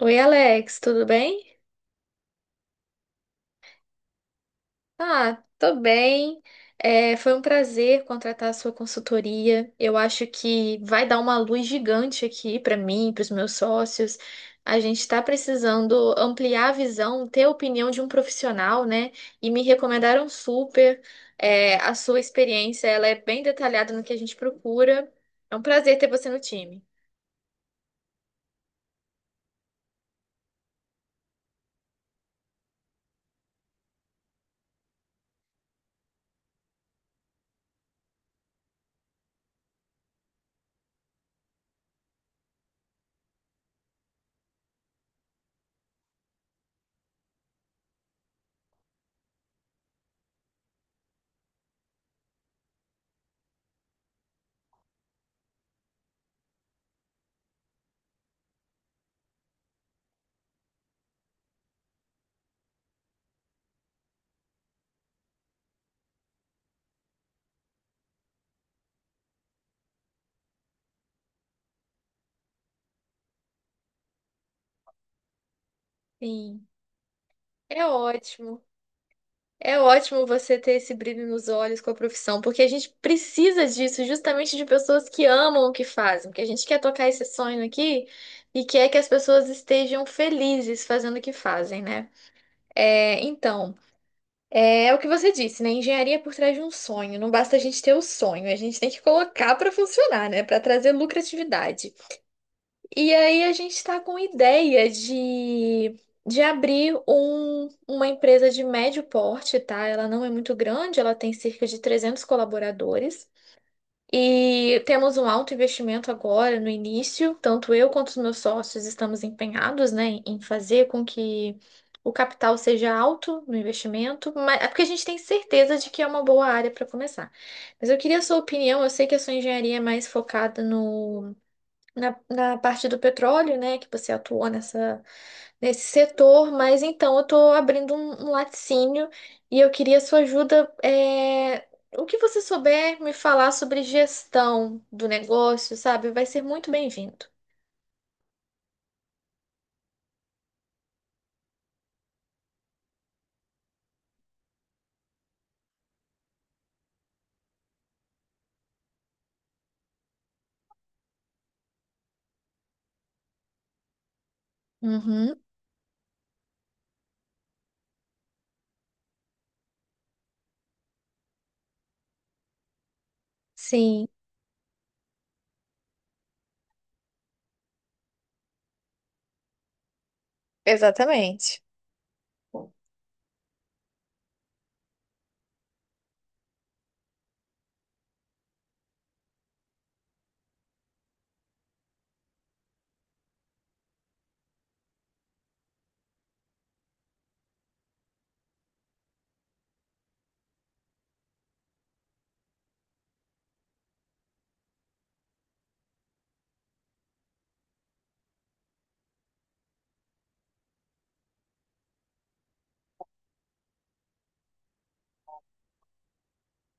Oi, Alex, tudo bem? Ah, tô bem. Foi um prazer contratar a sua consultoria. Eu acho que vai dar uma luz gigante aqui para mim, para os meus sócios. A gente está precisando ampliar a visão, ter a opinião de um profissional, né? E me recomendaram super. A sua experiência, ela é bem detalhada no que a gente procura. É um prazer ter você no time. Sim, é ótimo. É ótimo você ter esse brilho nos olhos com a profissão, porque a gente precisa disso, justamente de pessoas que amam o que fazem, porque a gente quer tocar esse sonho aqui e quer que as pessoas estejam felizes fazendo o que fazem, né? Então, o que você disse, né? Engenharia é por trás de um sonho. Não basta a gente ter o sonho, a gente tem que colocar para funcionar, né? Para trazer lucratividade. E aí a gente está com ideia de abrir uma empresa de médio porte, tá? Ela não é muito grande, ela tem cerca de 300 colaboradores. E temos um alto investimento agora no início, tanto eu quanto os meus sócios estamos empenhados, né, em fazer com que o capital seja alto no investimento, mas é porque a gente tem certeza de que é uma boa área para começar. Mas eu queria a sua opinião, eu sei que a sua engenharia é mais focada no na, na parte do petróleo, né, que você atuou nessa, nesse setor, mas então eu estou abrindo um laticínio e eu queria sua ajuda. O que você souber me falar sobre gestão do negócio, sabe, vai ser muito bem-vindo. Uhum, sim. Exatamente.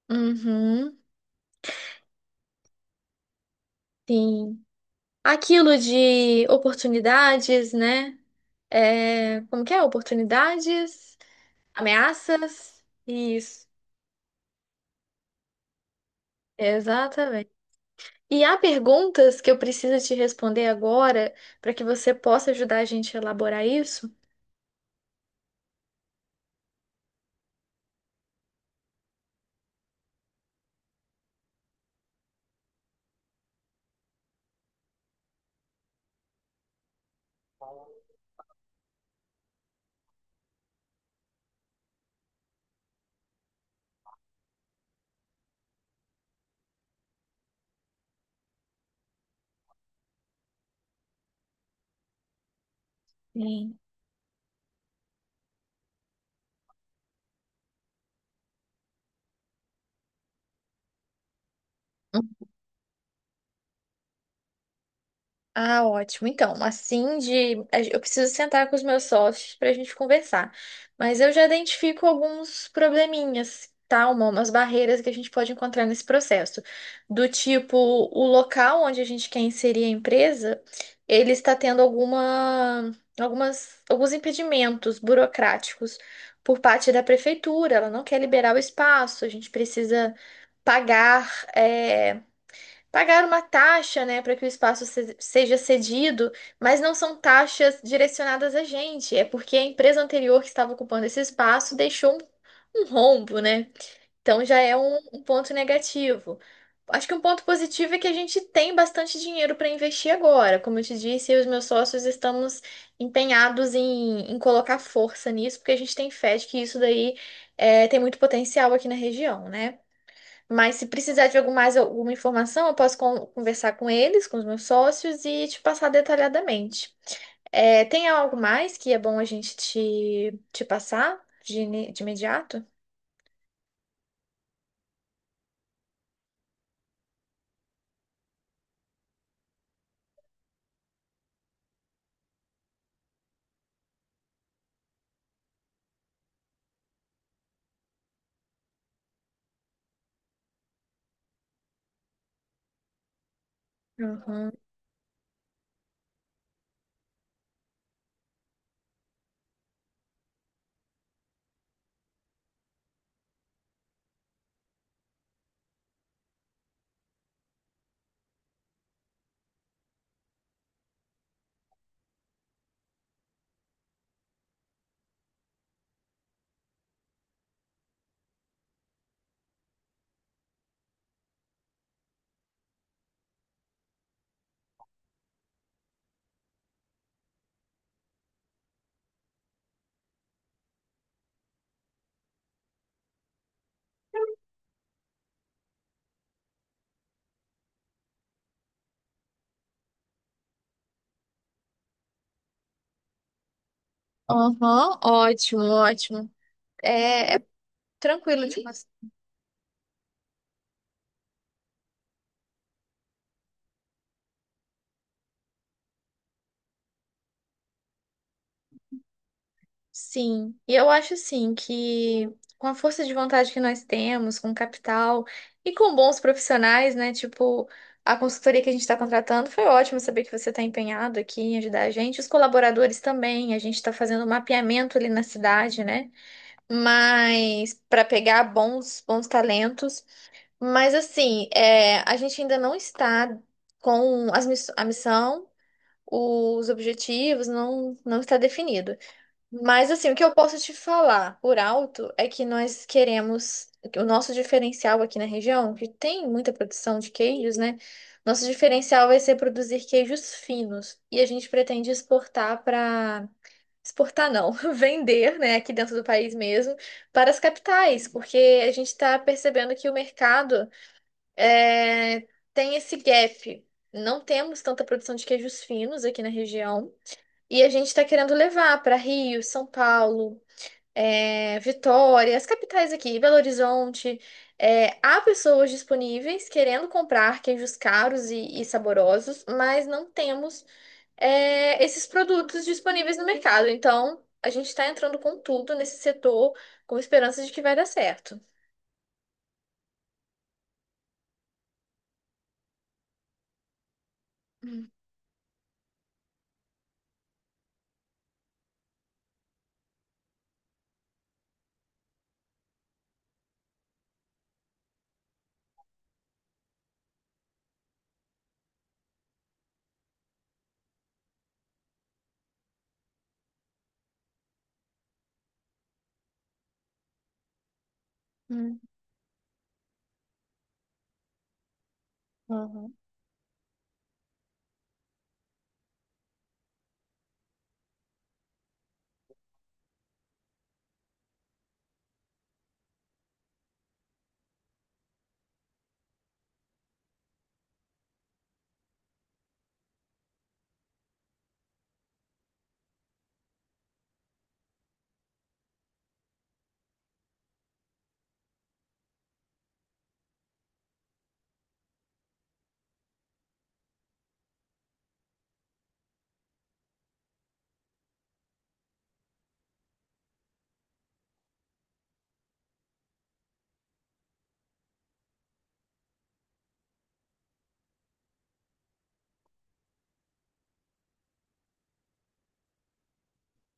Uhum, sim. Aquilo de oportunidades, né? É, como que é? Oportunidades, ameaças. Isso, exatamente. E há perguntas que eu preciso te responder agora para que você possa ajudar a gente a elaborar isso? Sim. Ah, ótimo. Então, Eu preciso sentar com os meus sócios para a gente conversar. Mas eu já identifico alguns probleminhas, tá? Umas barreiras que a gente pode encontrar nesse processo. Do tipo, o local onde a gente quer inserir a empresa, ele está tendo alguma, algumas, alguns impedimentos burocráticos por parte da prefeitura. Ela não quer liberar o espaço, a gente precisa pagar. eh, Pagar uma taxa, né, para que o espaço seja cedido, mas não são taxas direcionadas a gente, é porque a empresa anterior que estava ocupando esse espaço deixou um rombo, né? Então já é um ponto negativo. Acho que um ponto positivo é que a gente tem bastante dinheiro para investir agora. Como eu te disse, eu e os meus sócios estamos empenhados em colocar força nisso, porque a gente tem fé de que isso daí é, tem muito potencial aqui na região, né? Mas se precisar de algum mais alguma informação, eu posso conversar com eles, com os meus sócios e te passar detalhadamente. É, tem algo mais que é bom a gente te passar de imediato? Uhum. Aham, ótimo, ótimo. É, é tranquilo de passar. Sim, e eu acho assim que com a força de vontade que nós temos, com capital e com bons profissionais, né? Tipo, a consultoria que a gente está contratando, foi ótimo saber que você está empenhado aqui em ajudar a gente. Os colaboradores também, a gente está fazendo um mapeamento ali na cidade, né? Mas para pegar bons, bons talentos. Mas assim, é, a gente ainda não está com as a missão, os objetivos, não, não está definido. Mas assim, o que eu posso te falar por alto é que nós queremos o nosso diferencial aqui na região, que tem muita produção de queijos, né? Nosso diferencial vai ser produzir queijos finos e a gente pretende exportar para exportar não, vender, né, aqui dentro do país mesmo, para as capitais, porque a gente está percebendo que o mercado é, tem esse gap. Não temos tanta produção de queijos finos aqui na região. E a gente está querendo levar para Rio, São Paulo, é, Vitória, as capitais aqui, Belo Horizonte, é, há pessoas disponíveis querendo comprar queijos caros e saborosos, mas não temos é, esses produtos disponíveis no mercado. Então, a gente está entrando com tudo nesse setor com esperança de que vai dar certo. Hum, uhum.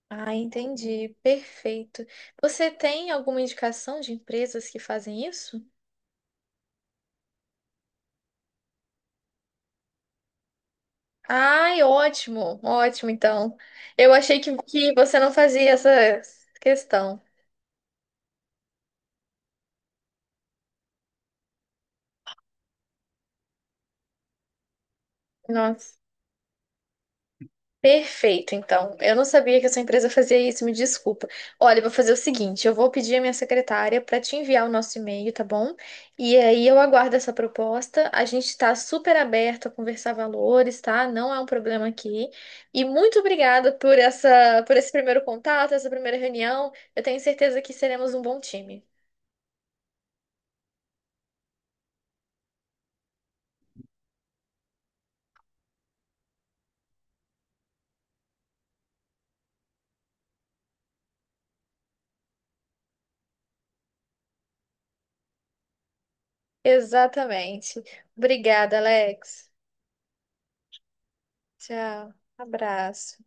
Ah, entendi. Perfeito. Você tem alguma indicação de empresas que fazem isso? Ai, ótimo, ótimo, então. Eu achei que você não fazia essa questão. Nossa. Perfeito, então. Eu não sabia que a sua empresa fazia isso, me desculpa. Olha, eu vou fazer o seguinte: eu vou pedir à minha secretária para te enviar o nosso e-mail, tá bom? E aí eu aguardo essa proposta. A gente está super aberto a conversar valores, tá? Não é um problema aqui. E muito obrigada por essa, por esse primeiro contato, essa primeira reunião. Eu tenho certeza que seremos um bom time. Exatamente. Obrigada, Alex. Tchau. Abraço.